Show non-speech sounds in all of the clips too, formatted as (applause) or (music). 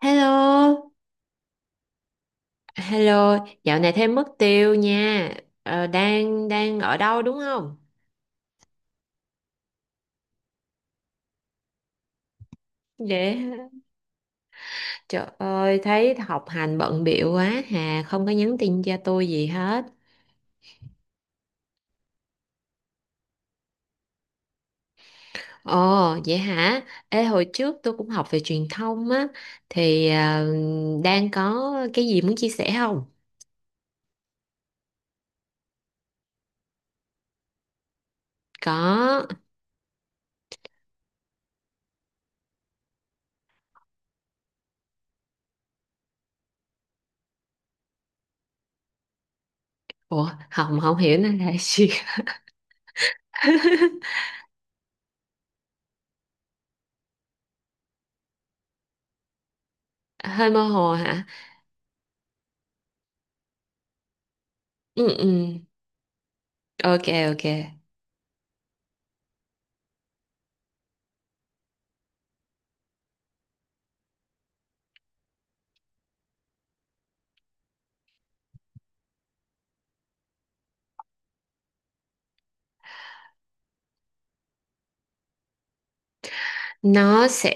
Hello, hello, dạo này thêm mất tiêu nha. Ờ, đang đang ở đâu đúng không? Để trời ơi thấy học hành bận bịu quá hà, không có nhắn tin cho tôi gì hết. Ồ, vậy hả? Ê hồi trước tôi cũng học về truyền thông á thì đang có cái gì muốn chia sẻ không? Có. Ủa, không không hiểu nên là gì. (laughs) Hơi mơ hồ hả? Ừ, ừ. Ok, ok. Nó sẽ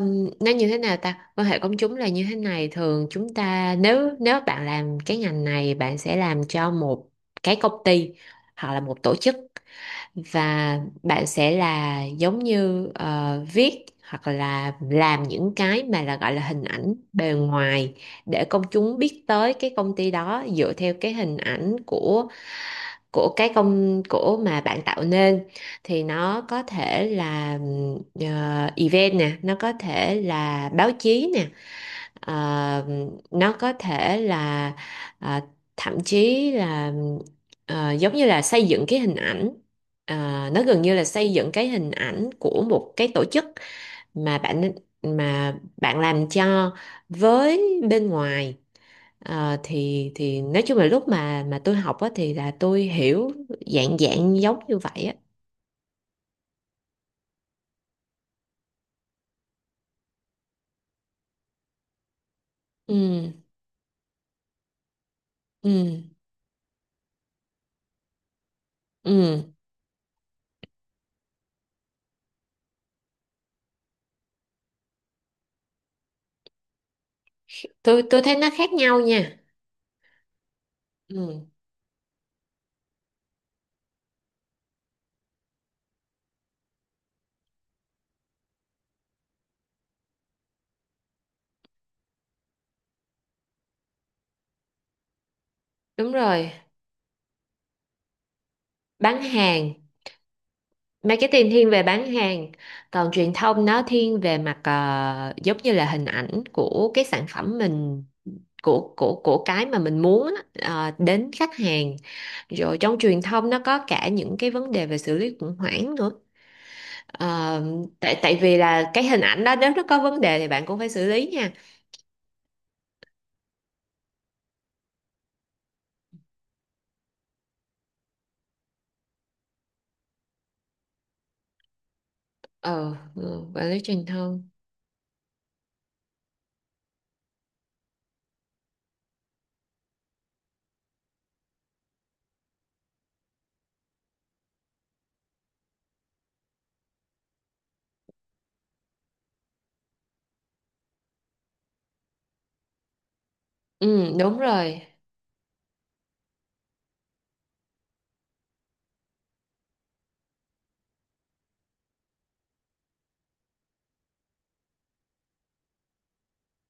nó như thế nào ta, quan hệ công chúng là như thế này. Thường chúng ta, nếu nếu bạn làm cái ngành này, bạn sẽ làm cho một cái công ty hoặc là một tổ chức, và bạn sẽ là giống như viết hoặc là làm những cái mà là gọi là hình ảnh bề ngoài để công chúng biết tới cái công ty đó dựa theo cái hình ảnh của cái công của mà bạn tạo nên. Thì nó có thể là event nè, nó có thể là báo chí nè. Ờ, nó có thể là ờ, thậm chí là giống như là xây dựng cái hình ảnh. Ờ, nó gần như là xây dựng cái hình ảnh của một cái tổ chức mà bạn, bạn làm cho, với bên ngoài. Ờ, thì nói chung là lúc mà tôi học á, thì là tôi hiểu dạng dạng giống như vậy á. Ừ, ừ, ừ. Tôi thấy nó khác nhau nha. Ừ, đúng rồi, bán hàng. Marketing thiên về bán hàng, còn truyền thông nó thiên về mặt giống như là hình ảnh của cái sản phẩm mình, của cái mà mình muốn á, đến khách hàng. Rồi trong truyền thông nó có cả những cái vấn đề về xử lý khủng hoảng nữa. Ờ, tại tại vì là cái hình ảnh đó nếu nó có vấn đề thì bạn cũng phải xử lý nha. Ờ, ừ, quản lý truyền thông. Ừ, đúng rồi.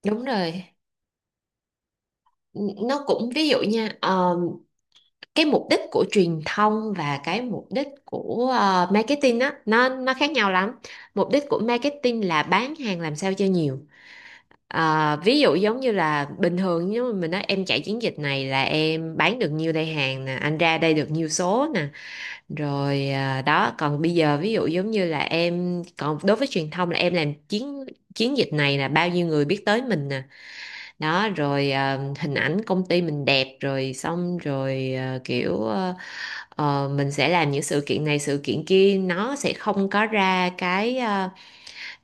Đúng rồi. Nó cũng ví dụ nha, cái mục đích của truyền thông và cái mục đích của marketing á, nó khác nhau lắm. Mục đích của marketing là bán hàng làm sao cho nhiều. Ờ, ví dụ giống như là bình thường nếu mà mình nói em chạy chiến dịch này là em bán được nhiêu đây hàng nè, anh ra đây được nhiêu số nè. Rồi đó, còn bây giờ ví dụ giống như là em, còn đối với truyền thông là em làm chiến chiến dịch này là bao nhiêu người biết tới mình nè. Đó, rồi hình ảnh công ty mình đẹp, rồi xong rồi mình sẽ làm những sự kiện này sự kiện kia, nó sẽ không có ra cái ờ,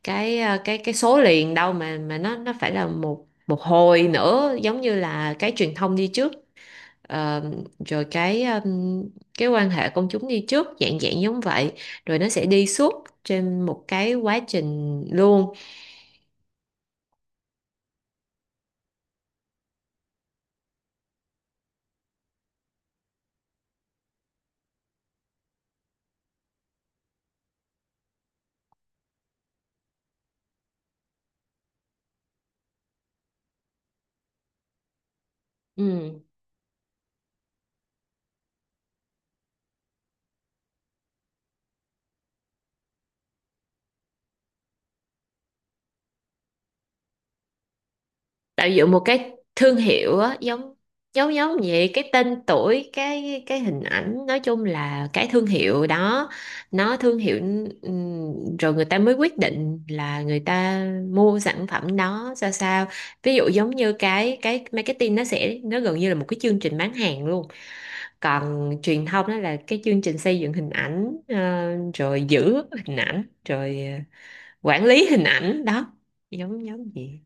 cái ờ, cái cái số liền đâu, mà nó phải là một một hồi nữa, giống như là cái truyền thông đi trước, ờ, rồi cái quan hệ công chúng đi trước, dạng dạng giống vậy. Rồi nó sẽ đi suốt trên một cái quá trình luôn. Ừ, tạo dựng một cái thương hiệu á, giống giống giống vậy, cái tên tuổi, cái hình ảnh, nói chung là cái thương hiệu đó. Nó thương hiệu. Rồi người ta mới quyết định là người ta mua sản phẩm đó sao sao. Ví dụ giống như cái marketing nó sẽ, nó gần như là một cái chương trình bán hàng luôn, còn truyền thông đó là cái chương trình xây dựng hình ảnh, rồi giữ hình ảnh, rồi quản lý hình ảnh đó, giống giống gì.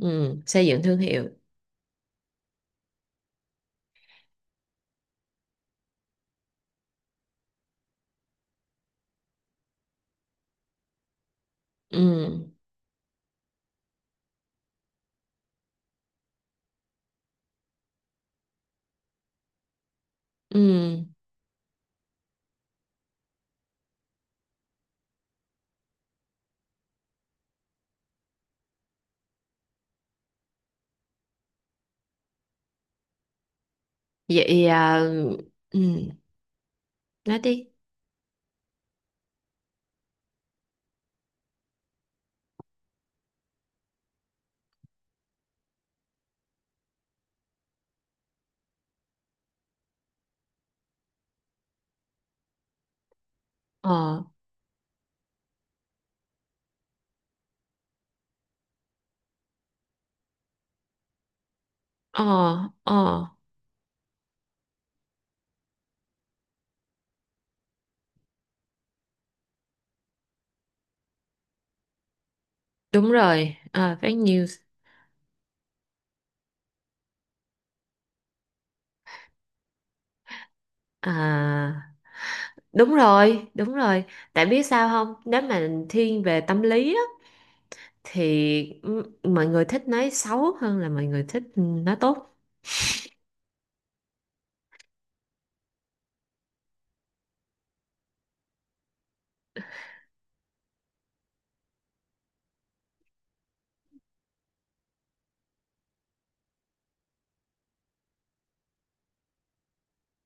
Ừ, xây dựng thương hiệu. Ừ, ừ. Vậy à? Ừ. Nói đi. Ờ, ờ, ờ, đúng rồi, à, fake news. À, đúng rồi, đúng rồi. Tại biết sao không, nếu mà thiên về tâm lý á, thì m- mọi người thích nói xấu hơn là mọi người thích nói tốt.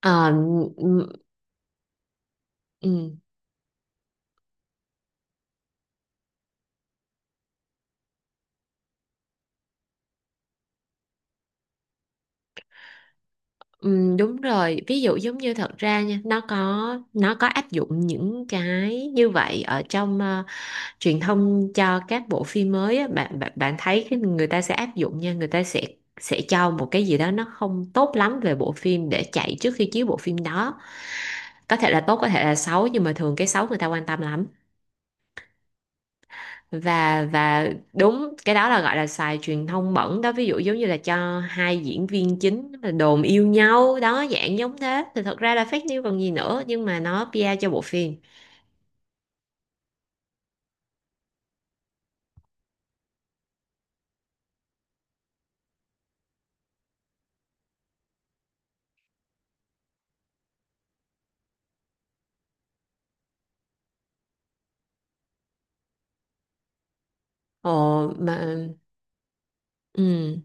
Ờ, ừ, ừ, ừ, đúng rồi. Ví dụ giống như thật ra nha, nó có áp dụng những cái như vậy ở trong truyền thông cho các bộ phim mới á, bạn bạn bạn thấy cái, người ta sẽ áp dụng nha, người ta sẽ cho một cái gì đó nó không tốt lắm về bộ phim để chạy trước khi chiếu bộ phim đó. Có thể là tốt, có thể là xấu, nhưng mà thường cái xấu người ta quan tâm lắm. Và đúng, cái đó là gọi là xài truyền thông bẩn đó, ví dụ giống như là cho hai diễn viên chính là đồn yêu nhau đó, dạng giống thế, thì thật ra là fake news còn gì nữa, nhưng mà nó PR cho bộ phim. Ồ mà ừ,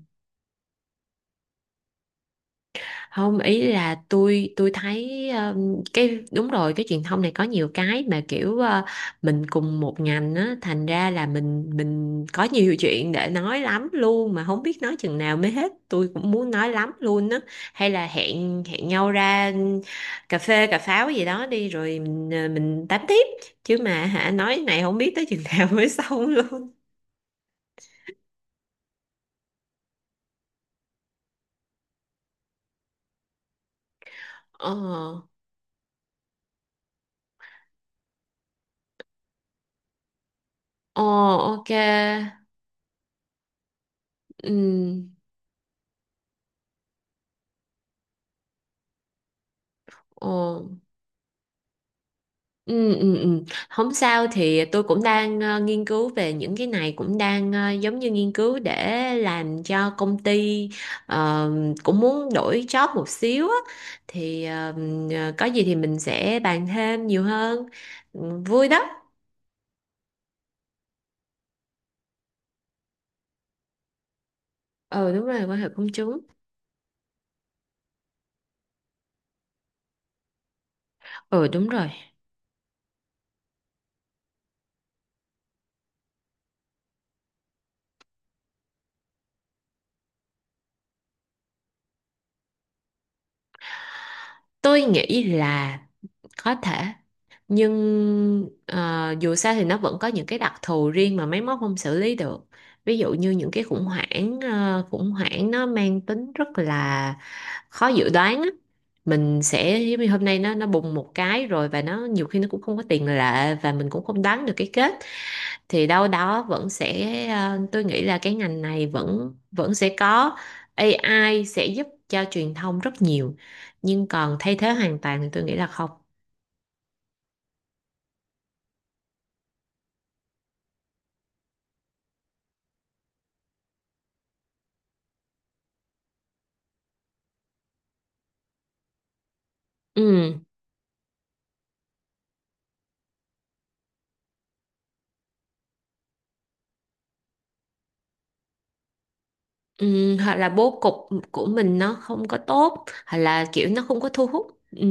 không, ý là tôi thấy cái đúng rồi, cái truyền thông này có nhiều cái mà kiểu mình cùng một ngành á, thành ra là mình có nhiều chuyện để nói lắm luôn, mà không biết nói chừng nào mới hết. Tôi cũng muốn nói lắm luôn á. Hay là hẹn hẹn nhau ra cà phê cà pháo gì đó đi, rồi mình mình tám tiếp. Chứ mà hả, nói này không biết tới chừng (laughs) nào mới xong luôn. Ờ, ờ, ok, ừ, ờ, ừ, ừ, ừ. Không sao, thì tôi cũng đang nghiên cứu về những cái này, cũng đang giống như nghiên cứu để làm cho công ty, ờ, cũng muốn đổi job một xíu á. Thì có gì thì mình sẽ bàn thêm nhiều hơn. Ừ, vui đó. Ừ, đúng rồi, quan hệ công chúng. Ừ, đúng rồi. Tôi nghĩ là có thể, nhưng dù sao thì nó vẫn có những cái đặc thù riêng mà máy móc không xử lý được. Ví dụ như những cái khủng hoảng, khủng hoảng nó mang tính rất là khó dự đoán á. Mình sẽ giống như hôm nay nó bùng một cái rồi, và nó nhiều khi nó cũng không có tiền lệ, và mình cũng không đoán được cái kết. Thì đâu đó vẫn sẽ, tôi nghĩ là cái ngành này vẫn vẫn sẽ có. AI sẽ giúp cho truyền thông rất nhiều, nhưng còn thay thế hoàn toàn thì tôi nghĩ là không. Ừ. Ừ, hoặc là bố cục của mình nó không có tốt, hoặc là kiểu nó không có thu hút. Ừ,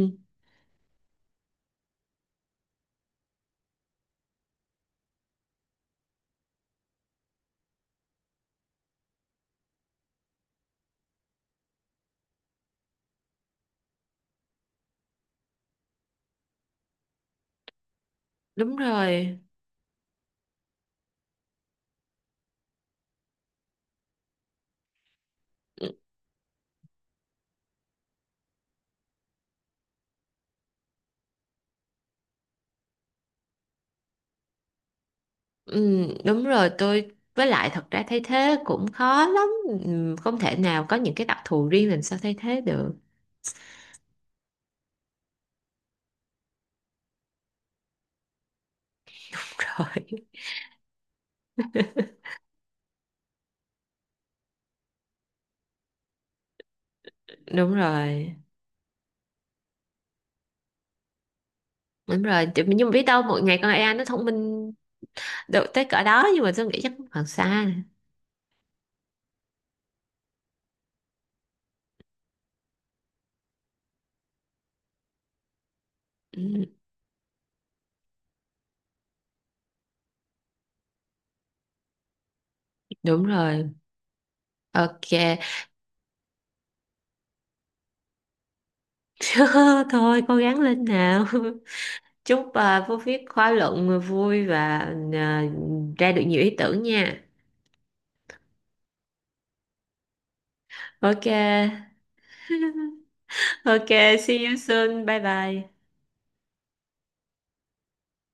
đúng rồi. Ừ, đúng rồi, tôi với lại thật ra thay thế cũng khó lắm. Ừ, không thể nào, có những cái đặc thù riêng làm sao thay thế được. (laughs) Rồi, đúng rồi, đúng rồi. Nhưng mà biết đâu một ngày con AI nó thông minh được tới cỡ đó, nhưng mà tôi nghĩ chắc cũng còn xa. Ừ, đúng rồi. Ok. (laughs) Thôi cố gắng lên nào. Chúc à, Phú viết khóa luận vui và à, ra được nhiều ý tưởng nha. Ok, ok, see you soon. Bye bye.